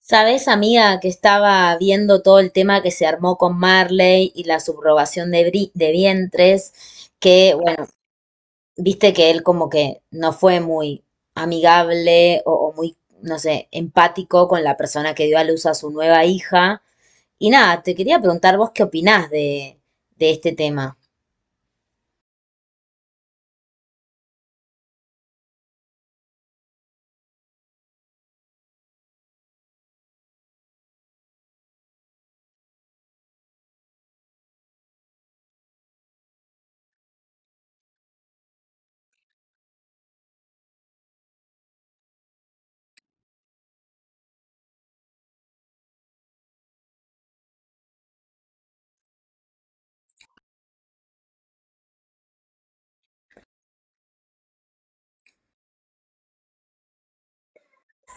Sabes, amiga, que estaba viendo todo el tema que se armó con Marley y la subrogación de vientres, que, bueno, viste que él como que no fue muy amigable o muy, no sé, empático con la persona que dio a luz a su nueva hija. Y nada, te quería preguntar vos qué opinás de este tema.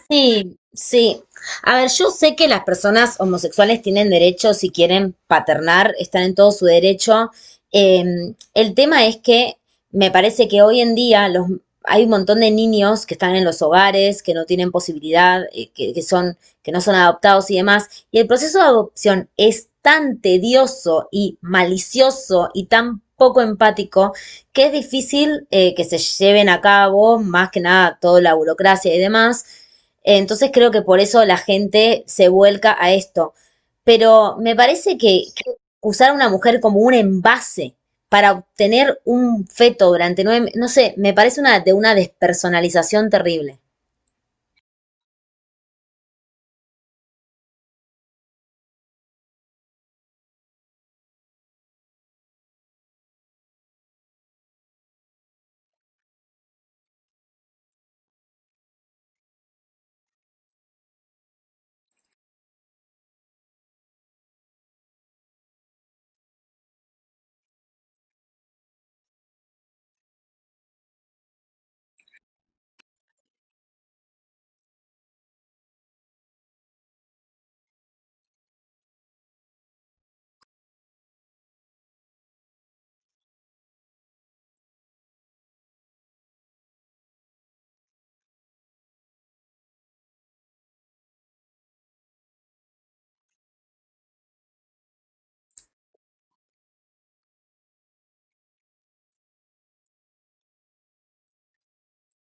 Sí, sí. A ver, yo sé que las personas homosexuales tienen derecho, si quieren paternar, están en todo su derecho. Eh, el tema es que me parece que hoy en día hay un montón de niños que están en los hogares, que no tienen posibilidad, que que no son adoptados y demás. Y el proceso de adopción es tan tedioso y malicioso y tan poco empático que es difícil que se lleven a cabo, más que nada toda la burocracia y demás. Entonces creo que por eso la gente se vuelca a esto. Pero me parece que usar a una mujer como un envase para obtener un feto durante nueve meses, no sé, me parece una despersonalización terrible.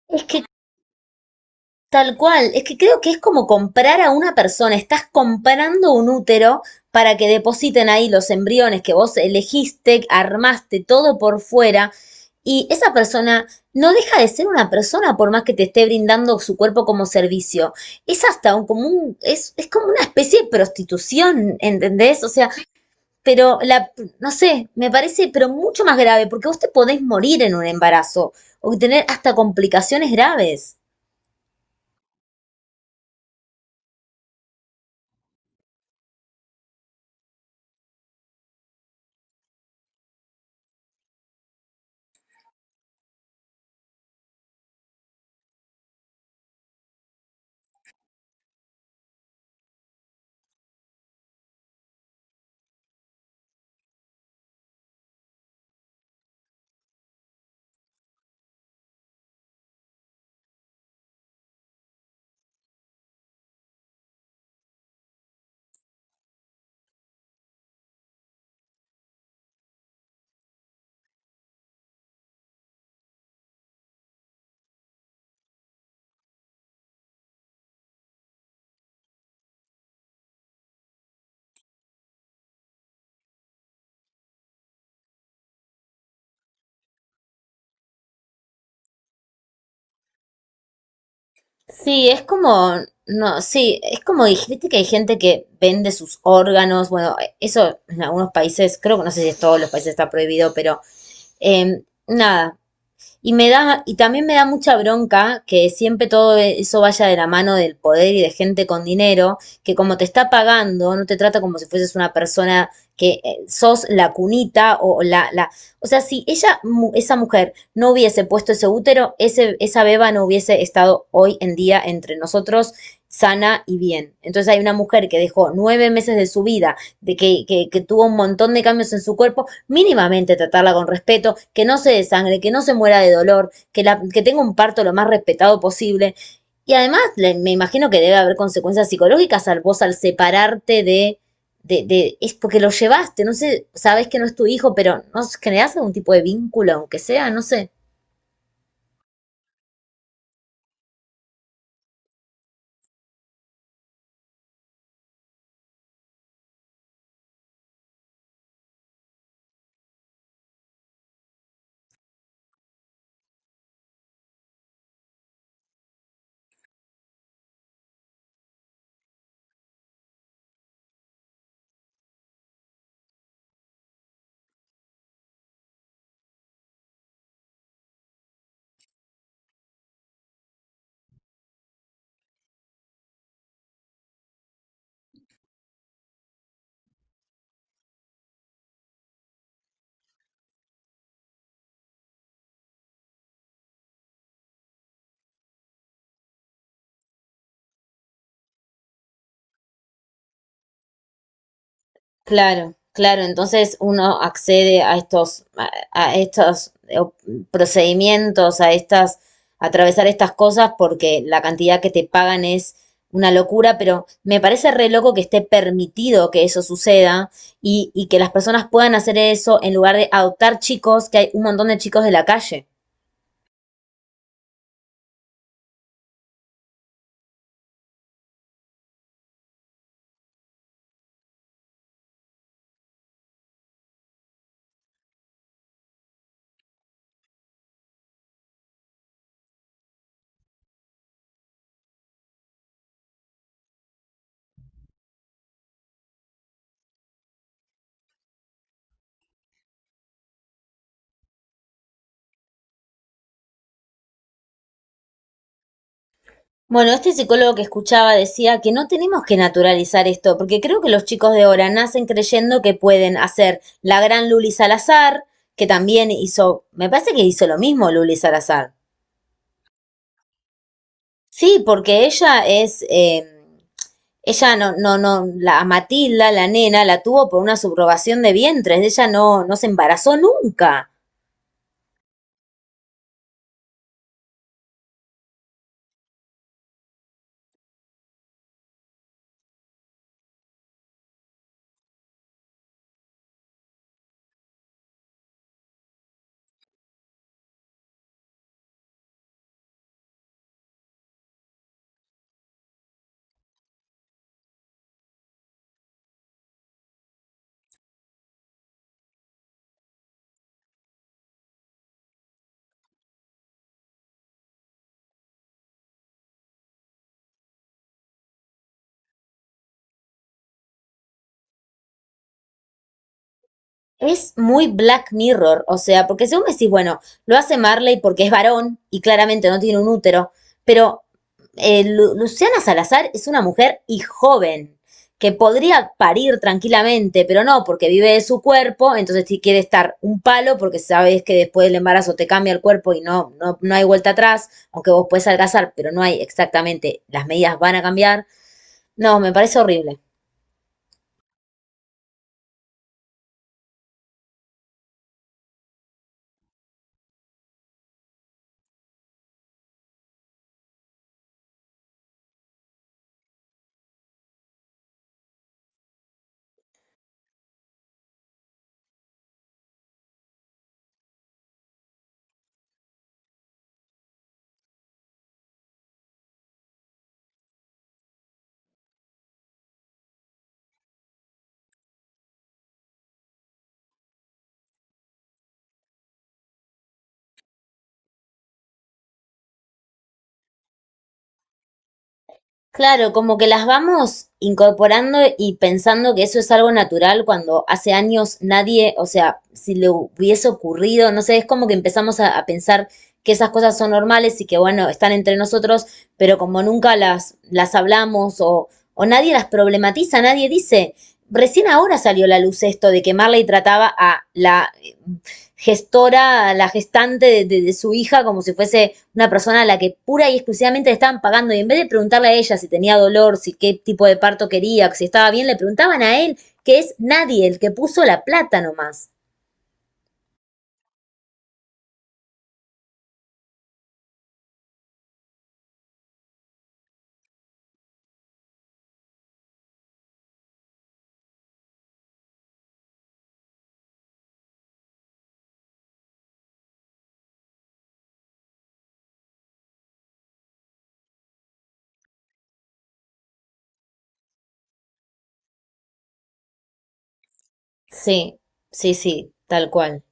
Es que Tal cual, es que creo que es como comprar a una persona, estás comprando un útero para que depositen ahí los embriones que vos elegiste, armaste todo por fuera y esa persona no deja de ser una persona por más que te esté brindando su cuerpo como servicio. Es hasta un, como un- Es como una especie de prostitución, ¿entendés? O sea, pero no sé, me parece, pero mucho más grave porque vos te podés morir en un embarazo o tener hasta complicaciones graves. Sí, es como, no, sí, es como dijiste que hay gente que vende sus órganos, bueno, eso en algunos países, creo que no sé si en todos los países está prohibido, pero nada, y me da, y también me da mucha bronca que siempre todo eso vaya de la mano del poder y de gente con dinero, que como te está pagando, no te trata como si fueses una persona que sos la cunita o la, o sea, si ella, esa mujer no hubiese puesto ese útero, esa beba no hubiese estado hoy en día entre nosotros sana y bien. Entonces hay una mujer que dejó 9 meses de su vida, de que tuvo un montón de cambios en su cuerpo mínimamente tratarla con respeto, que no se desangre, que no se muera de dolor, que, la, que tenga un parto lo más respetado posible. Y además, le, me imagino que debe haber consecuencias psicológicas al vos al separarte de, es porque lo llevaste, no sé, sabes que no es tu hijo, pero no generás algún tipo de vínculo, aunque sea, no sé. Claro, claro. Entonces uno accede a estos, a estos procedimientos, a atravesar estas cosas porque la cantidad que te pagan es una locura, pero me parece re loco que esté permitido que eso suceda y que las personas puedan hacer eso en lugar de adoptar chicos, que hay un montón de chicos de la calle. Bueno, este psicólogo que escuchaba decía que no tenemos que naturalizar esto, porque creo que los chicos de ahora nacen creyendo que pueden hacer la gran Luli Salazar, que también hizo, me parece que hizo lo mismo Luli Salazar. Sí, porque ella no, no, no, la Matilda, la nena, la tuvo por una subrogación de vientres, ella no, no se embarazó nunca. Es muy Black Mirror, o sea, porque según me decís, bueno, lo hace Marley porque es varón y claramente no tiene un útero, pero Luciana Salazar es una mujer y joven, que podría parir tranquilamente, pero no, porque vive de su cuerpo, entonces si quiere estar un palo, porque sabes que después del embarazo te cambia el cuerpo y no, no, no hay vuelta atrás, aunque vos puedes adelgazar, pero no hay exactamente, las medidas van a cambiar. No, me parece horrible. Claro, como que las vamos incorporando y pensando que eso es algo natural cuando hace años nadie, o sea, si le hubiese ocurrido, no sé, es como que empezamos a pensar que esas cosas son normales y que bueno, están entre nosotros, pero como nunca las hablamos o nadie las problematiza, nadie dice, recién ahora salió a la luz esto de que Marley trataba a la gestora, a la gestante de su hija como si fuese una persona a la que pura y exclusivamente le estaban pagando. Y en vez de preguntarle a ella si tenía dolor, si qué tipo de parto quería, si estaba bien, le preguntaban a él, que es nadie, el que puso la plata nomás. Sí, sí, sí, tal cual.